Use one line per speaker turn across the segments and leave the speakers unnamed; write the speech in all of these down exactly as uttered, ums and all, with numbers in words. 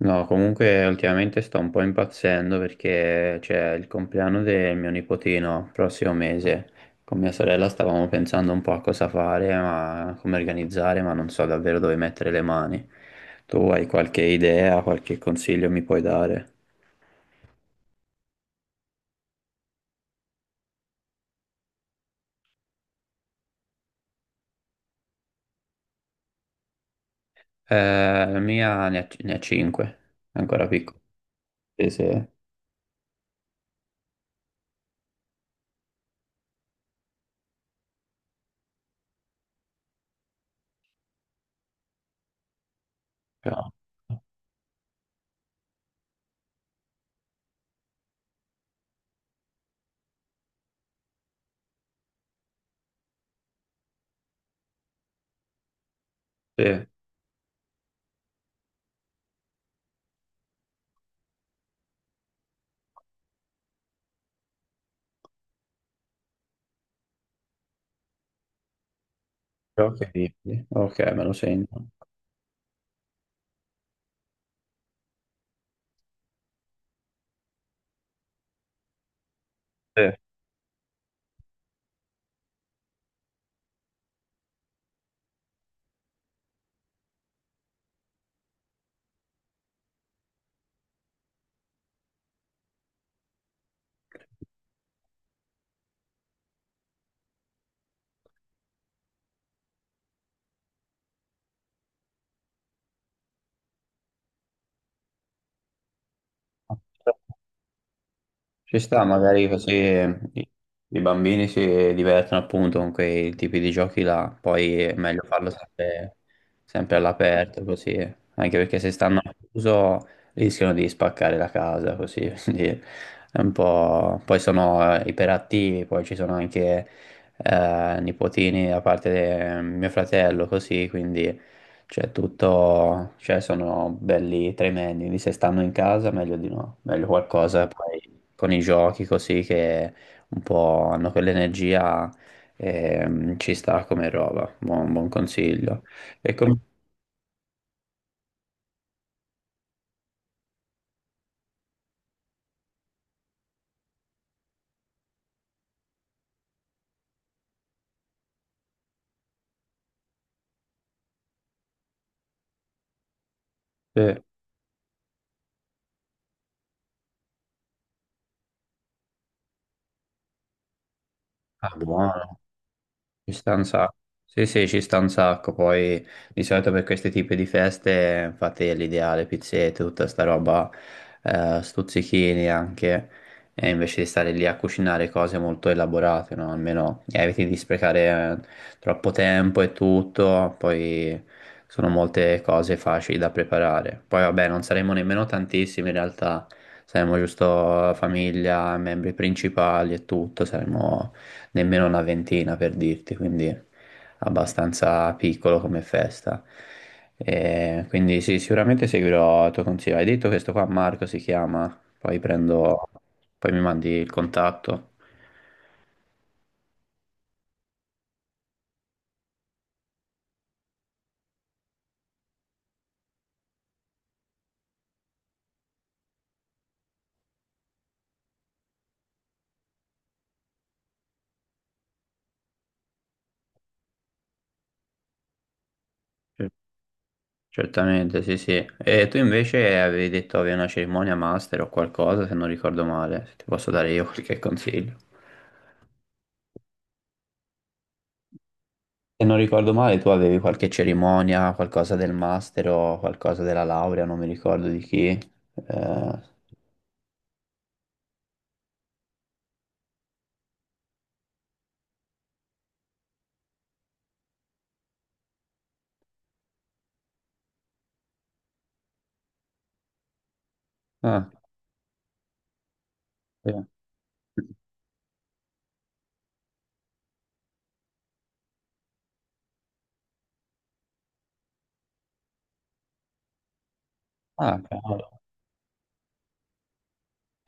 No, comunque ultimamente sto un po' impazzendo perché c'è il compleanno del mio nipotino prossimo mese. Con mia sorella stavamo pensando un po' a cosa fare, ma come organizzare, ma non so davvero dove mettere le mani. Tu hai qualche idea, qualche consiglio mi puoi dare? Eh, la mia ne ha, ne ha cinque, ancora piccola. Sì, sì. Però- sì. Però che dici? Ok, me lo segno. Sì. Ci sta, magari così eh, i i bambini si divertono appunto con quei tipi di giochi là, poi è meglio farlo sempre, sempre all'aperto così, anche perché se stanno al chiuso rischiano di spaccare la casa così, quindi è un po'... Poi sono eh, iperattivi, poi ci sono anche eh, nipotini da parte di mio fratello così, quindi c'è tutto, cioè sono belli tremendi, quindi se stanno in casa meglio di no, meglio qualcosa poi con i giochi così che un po' hanno quell'energia ehm, ci sta come roba, buon, buon consiglio. E come... eh, ah, buono. Ci sta un sacco. Sì, sì, ci sta un sacco. Poi di solito per questi tipi di feste, infatti, è l'ideale, pizzette, tutta sta roba, eh, stuzzichini anche. E invece di stare lì a cucinare cose molto elaborate, no? Almeno eviti di sprecare eh, troppo tempo e tutto. Poi sono molte cose facili da preparare. Poi, vabbè, non saremo nemmeno tantissimi in realtà. Saremo giusto famiglia, membri principali e tutto. Saremo nemmeno una ventina per dirti, quindi abbastanza piccolo come festa. E quindi sì, sicuramente seguirò il tuo consiglio. Hai detto che questo qua Marco si chiama, poi prendo, poi mi mandi il contatto. Cer- Certamente, sì, sì. E tu invece avevi detto avevi una cerimonia master o qualcosa, se non ricordo male, se ti posso dare io qualche consiglio. Se non ricordo male, tu avevi qualche cerimonia, qualcosa del master o qualcosa della laurea, non mi ricordo di chi. Eh, Ah, sì. Ah, cavolo.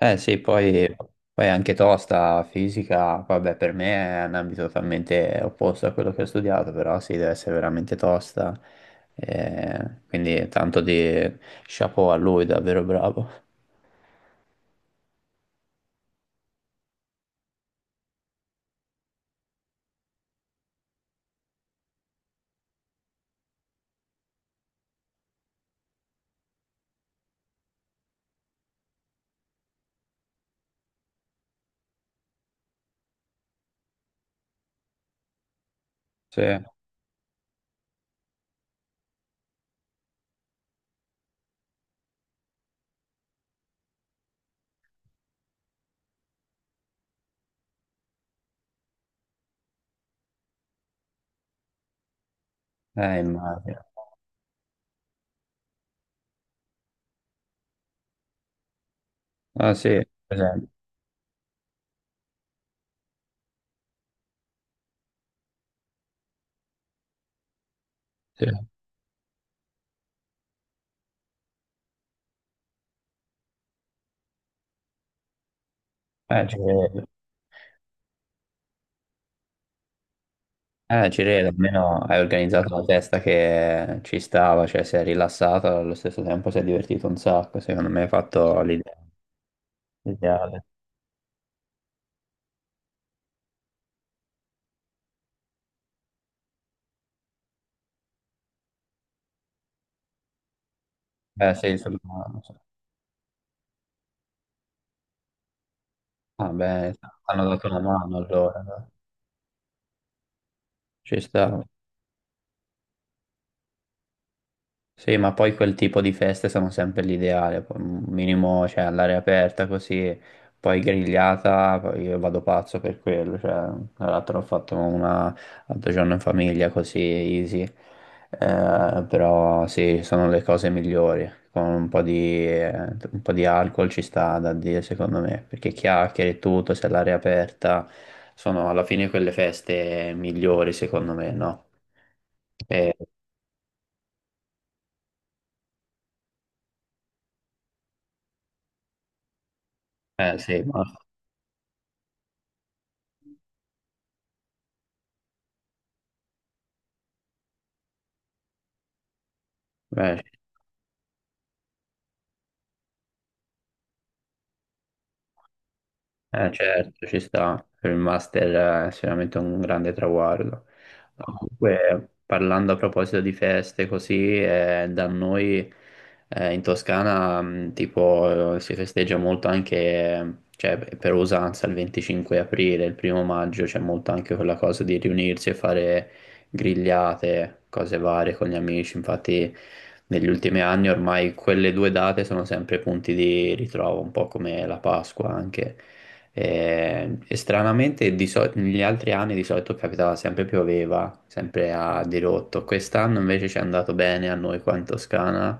Eh sì, poi, poi anche tosta, fisica, vabbè, per me è un ambito totalmente opposto a quello che ho studiato, però sì, deve essere veramente tosta. Eh, quindi tanto di chapeau a lui, davvero bravo. Sì, eh, immagino. Ah sì, per esempio, sì. Eh, ci credo. Eh, ci credo, almeno hai organizzato la testa che ci stava, cioè si è rilassata, allo stesso tempo si è divertito un sacco, secondo me hai fatto l'idea. Ideale. Beh, sì, insomma, ah, beh, hanno dato una mano allora, dai. Ci sta. Sì, ma poi quel tipo di feste sono sempre l'ideale, poi un minimo, cioè, all'aria aperta così, poi grigliata, poi io vado pazzo per quello, cioè, tra l'altro ho fatto una l'altro giorno in famiglia così, easy. Eh, però sì, sono le cose migliori, con un po' di, eh, un po' di alcol ci sta da dire secondo me, perché chiacchiere e tutto, se all'aria aperta, sono alla fine quelle feste migliori secondo me, no? E- eh sì, ma... eh, eh, certo, ci sta, per il master eh, è sicuramente un grande traguardo. Ma comunque, parlando a proposito di feste così, eh, da noi eh, in Toscana mh, tipo eh, si festeggia molto anche, cioè per usanza il venticinque aprile, il primo maggio c'è molto anche quella cosa di riunirsi e fare grigliate, cose varie con gli amici, infatti negli ultimi anni ormai quelle due date sono sempre punti di ritrovo, un po' come la Pasqua anche. Eh, e stranamente di soli- negli altri anni di solito capitava sempre pioveva, sempre a dirotto. Quest'anno invece ci è andato bene a noi qua in Toscana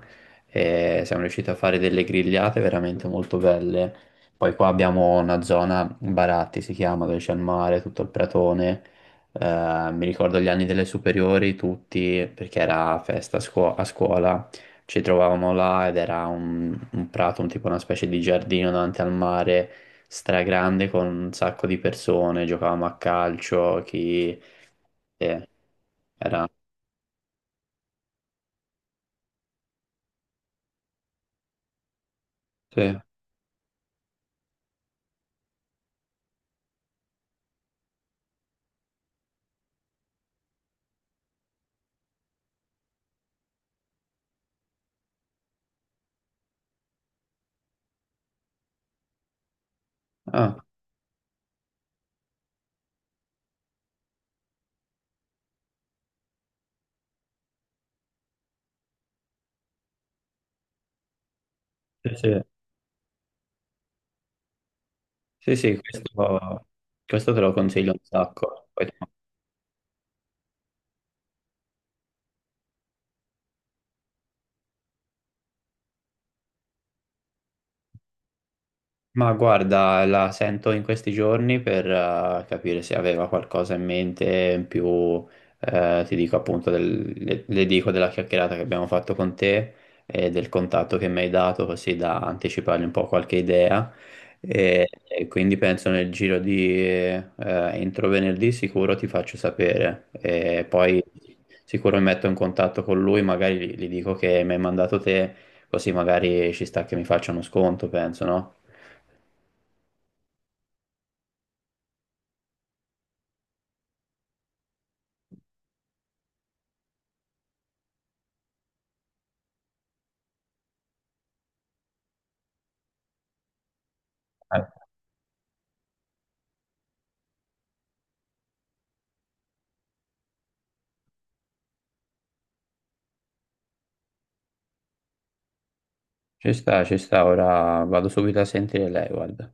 e siamo riusciti a fare delle grigliate veramente molto belle. Poi qua abbiamo una zona, Baratti si chiama, dove c'è il mare, tutto il pratone. Eh, mi ricordo gli anni delle superiori, tutti, perché era festa a scuo- a scuola, ci trovavamo là ed era un, un prato, un tipo una specie di giardino davanti al mare stragrande con un sacco di persone, giocavamo a calcio, chi... eh, era... Sì. Ah, sì, sì, sì, sì, questo, questo te lo consiglio un sacco. Poi- ma guarda, la sento in questi giorni per eh, capire se aveva qualcosa in mente in più, eh, ti dico appunto, del- le, le dico della chiacchierata che abbiamo fatto con te e del contatto che mi hai dato, così da anticipargli un po' qualche idea. E, e quindi penso nel giro di eh, entro venerdì sicuro ti faccio sapere. E poi sicuro mi metto in contatto con lui, magari gli, gli dico che mi hai mandato te, così magari ci sta che mi faccia uno sconto, penso, no? Ci sta, ci sta, ora vado subito a sentire lei, guarda.